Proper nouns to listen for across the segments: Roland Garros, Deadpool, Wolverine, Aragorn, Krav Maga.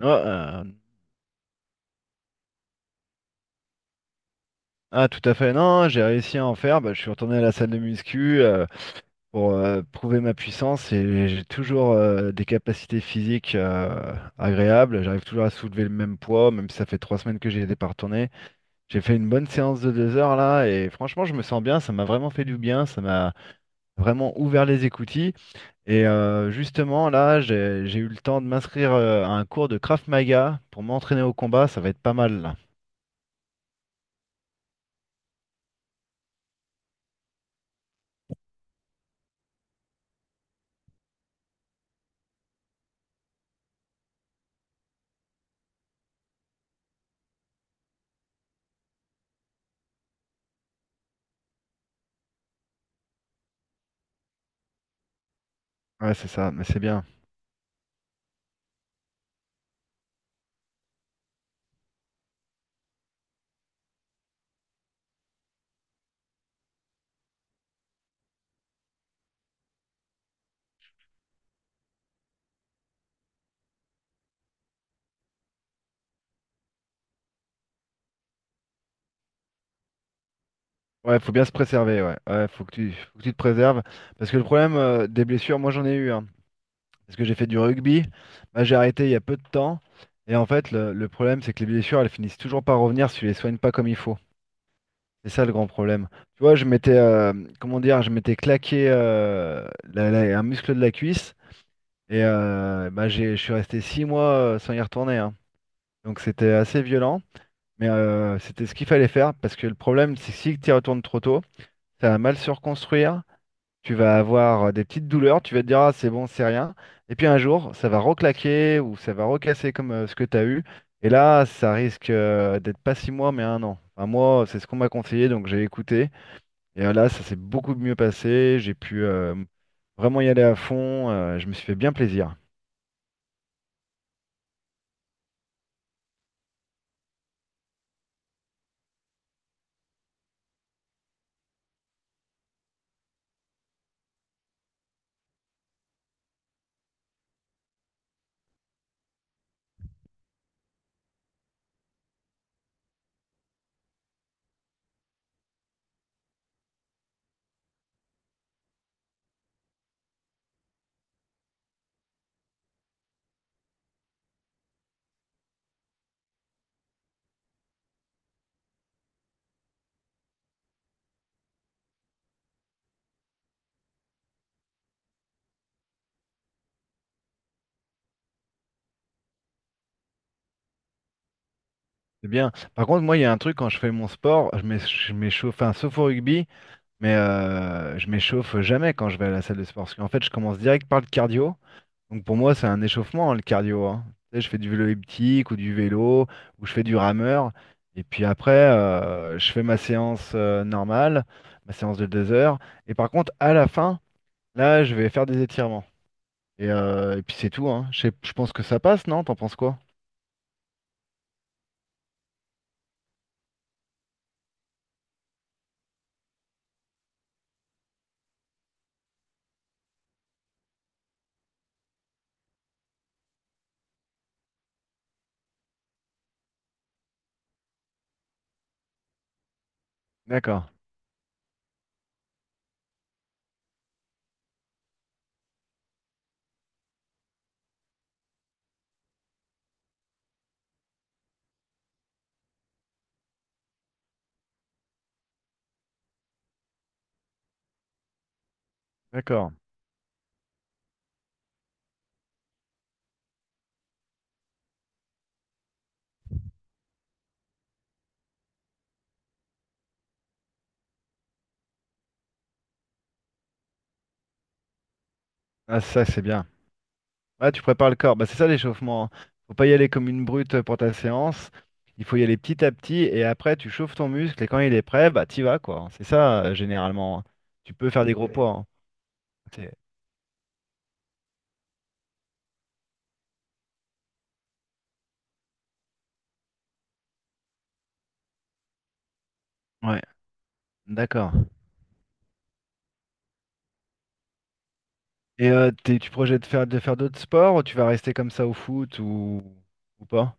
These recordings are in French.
Ah, ah, tout à fait, non, j'ai réussi à en faire. Bah, je suis retourné à la salle de muscu, pour prouver ma puissance, et j'ai toujours des capacités physiques agréables. J'arrive toujours à soulever le même poids, même si ça fait 3 semaines que j'y étais pas retourné. J'ai fait une bonne séance de 2 heures là, et franchement, je me sens bien. Ça m'a vraiment fait du bien, ça m'a vraiment ouvert les écoutilles. Et justement, là, j'ai eu le temps de m'inscrire à un cours de Krav Maga pour m'entraîner au combat. Ça va être pas mal là. Ouais, c'est ça, mais c'est bien. Ouais, faut bien se préserver, ouais. Ouais, faut que tu te préserves. Parce que le problème des blessures, moi j'en ai eu, hein. Parce que j'ai fait du rugby. Bah, j'ai arrêté il y a peu de temps. Et en fait, le problème, c'est que les blessures, elles finissent toujours par revenir si tu les soignes pas comme il faut. C'est ça le grand problème. Tu vois, je m'étais, comment dire, je m'étais claqué, un muscle de la cuisse. Et bah, je suis resté 6 mois, sans y retourner, hein. Donc c'était assez violent. Mais c'était ce qu'il fallait faire. Parce que le problème, c'est que si tu y retournes trop tôt, ça va mal se reconstruire. Tu vas avoir des petites douleurs, tu vas te dire ah c'est bon, c'est rien. Et puis un jour, ça va reclaquer ou ça va recasser comme, ce que tu as eu. Et là, ça risque d'être pas 6 mois, mais un an. Enfin, moi, c'est ce qu'on m'a conseillé, donc j'ai écouté. Et là, ça s'est beaucoup mieux passé. J'ai pu vraiment y aller à fond. Je me suis fait bien plaisir. C'est bien. Par contre, moi, il y a un truc, quand je fais mon sport, je m'échauffe, enfin, sauf au rugby, mais je m'échauffe jamais quand je vais à la salle de sport. Parce qu'en fait, je commence direct par le cardio. Donc pour moi, c'est un échauffement, hein, le cardio, hein. Tu sais, je fais du vélo elliptique ou du vélo, ou je fais du rameur. Et puis après, je fais ma séance normale, ma séance de 2 heures. Et par contre, à la fin, là, je vais faire des étirements. Et puis c'est tout, hein. Je pense que ça passe, non? T'en penses quoi? D'accord, d'accord. Ah, ça, c'est bien. Ah, tu prépares le corps. Bah, c'est ça l'échauffement, hein. Faut pas y aller comme une brute pour ta séance. Il faut y aller petit à petit, et après tu chauffes ton muscle, et quand il est prêt, bah t'y vas quoi, hein. C'est ça, généralement, hein. Tu peux faire des gros, ouais, poids, hein. C'est- Ouais, d'accord. Et tu projettes de faire, d'autres sports, ou tu vas rester comme ça au foot, ou pas?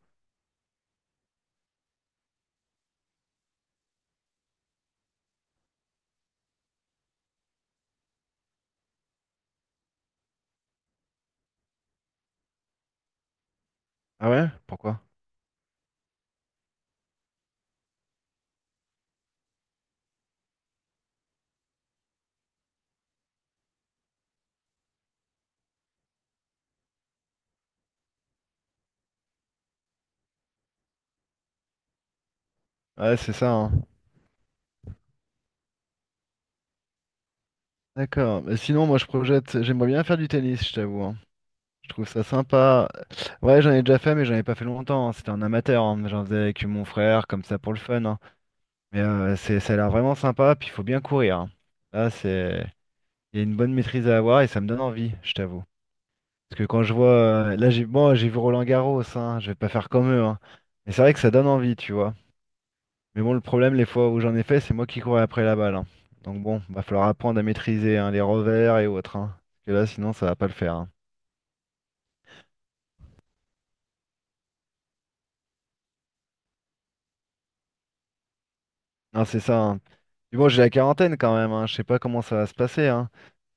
Ah ouais? Pourquoi? Ouais, c'est ça, hein. D'accord. Bah, sinon, moi je projette, j'aimerais bien faire du tennis, je t'avoue, hein. Je trouve ça sympa. Ouais, j'en ai déjà fait, mais j'en ai pas fait longtemps, hein. C'était en amateur, hein. J'en faisais avec mon frère, comme ça pour le fun, hein. Mais ça a l'air vraiment sympa. Puis il faut bien courir, hein. Là, c'est, il y a une bonne maîtrise à avoir, et ça me donne envie, je t'avoue. Parce que quand je vois, là, bon, j'ai vu Roland Garros, hein. Je vais pas faire comme eux, hein. Mais c'est vrai que ça donne envie, tu vois. Mais bon, le problème, les fois où j'en ai fait, c'est moi qui courais après la balle, hein. Donc bon, va falloir apprendre à maîtriser hein, les revers et autres, hein. Parce que là, sinon, ça va pas le faire, hein. Non, c'est ça, hein. Puis bon, j'ai la quarantaine quand même, hein. Je sais pas comment ça va se passer, hein.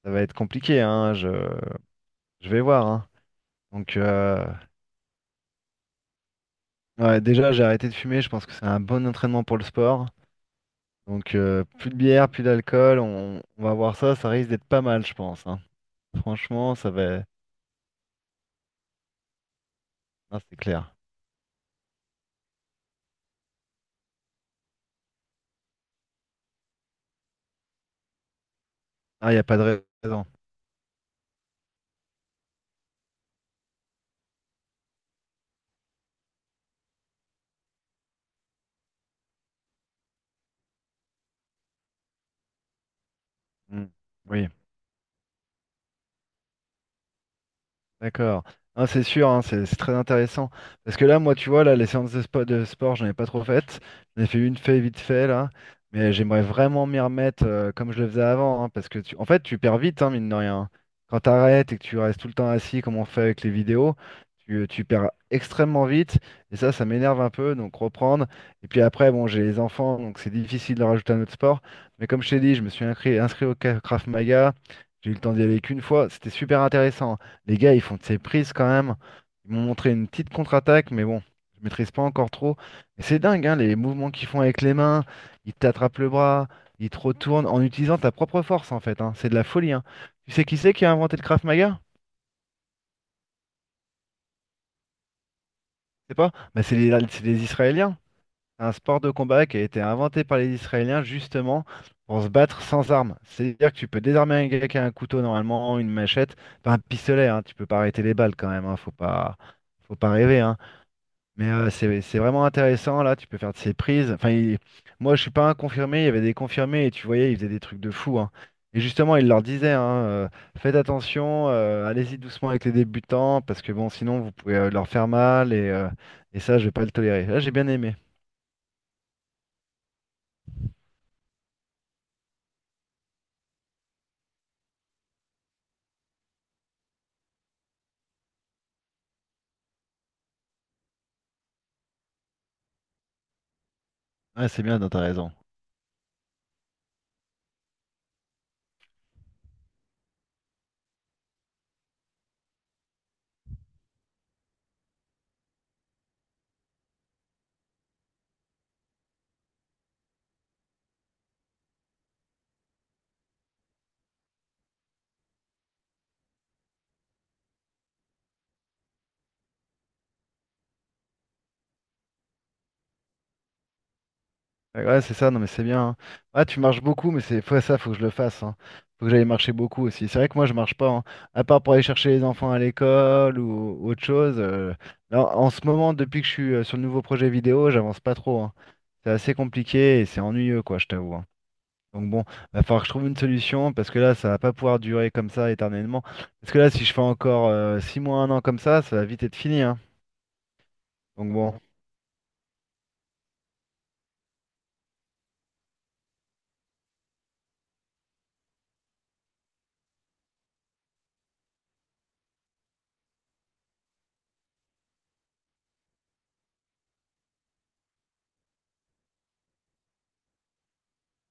Ça va être compliqué, hein. Je vais voir, hein. Donc, ouais, déjà, j'ai arrêté de fumer. Je pense que c'est un bon entraînement pour le sport. Donc, plus de bière, plus d'alcool. On va voir ça. Ça risque d'être pas mal, je pense, hein. Franchement, ça va. Non, c'est clair. Ah, il n'y a pas de raison. Mm. Oui. D'accord. Non, c'est sûr, hein, c'est très intéressant. Parce que là, moi, tu vois, là, les séances de sport, j'en ai pas trop faites. J'en ai fait une fait vite fait, là. Mais j'aimerais vraiment m'y remettre, comme je le faisais avant, hein, parce que, en fait, tu perds vite, hein, mine de rien. Quand tu arrêtes et que tu restes tout le temps assis, comme on fait avec les vidéos, tu perds extrêmement vite. Et ça m'énerve un peu. Donc, reprendre. Et puis après, bon, j'ai les enfants, donc c'est difficile de rajouter un autre sport. Mais comme je t'ai dit, je me suis inscrit au Krav Maga. J'ai eu le temps d'y aller qu'une fois. C'était super intéressant, hein. Les gars, ils font de ces prises quand même. Ils m'ont montré une petite contre-attaque, mais bon, je maîtrise pas encore trop. Mais c'est dingue, hein, les mouvements qu'ils font avec les mains. Ils t'attrapent le bras, ils te retournent en utilisant ta propre force en fait, hein. C'est de la folie, hein. Tu sais qui c'est qui a inventé le Krav Maga? C'est pas? Bah, c'est les Israéliens. C'est un sport de combat qui a été inventé par les Israéliens, justement, pour se battre sans armes. C'est-à-dire que tu peux désarmer un gars qui a un couteau normalement, une machette, pas un pistolet, hein. Tu peux pas arrêter les balles quand même, hein. Faut pas rêver, hein. Mais c'est vraiment intéressant là, tu peux faire de ces prises. Enfin, moi je suis pas un confirmé, il y avait des confirmés, et tu voyais, ils faisaient des trucs de fou, hein. Et justement, il leur disait, hein, faites attention, allez-y doucement avec les débutants, parce que bon, sinon vous pouvez leur faire mal, et ça, je vais pas le tolérer. Là, j'ai bien aimé. Ouais, c'est bien, t'as raison. Ouais, ouais, c'est ça, non mais c'est bien, hein. Ah, tu marches beaucoup, mais ça, faut que je le fasse, hein. Faut que j'aille marcher beaucoup aussi. C'est vrai que moi, je marche pas, hein. À part pour aller chercher les enfants à l'école ou autre chose. Là, en ce moment, depuis que je suis sur le nouveau projet vidéo, j'avance pas trop, hein. C'est assez compliqué et c'est ennuyeux, quoi, je t'avoue, hein. Donc bon, va falloir que je trouve une solution, parce que là, ça va pas pouvoir durer comme ça éternellement. Parce que là, si je fais encore, 6 mois, un an comme ça va vite être fini, hein. Donc bon,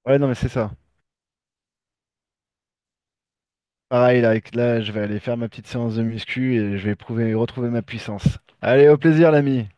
ouais, non mais c'est ça. Pareil, là, là, je vais aller faire ma petite séance de muscu, et je vais retrouver ma puissance. Allez, au plaisir, l'ami.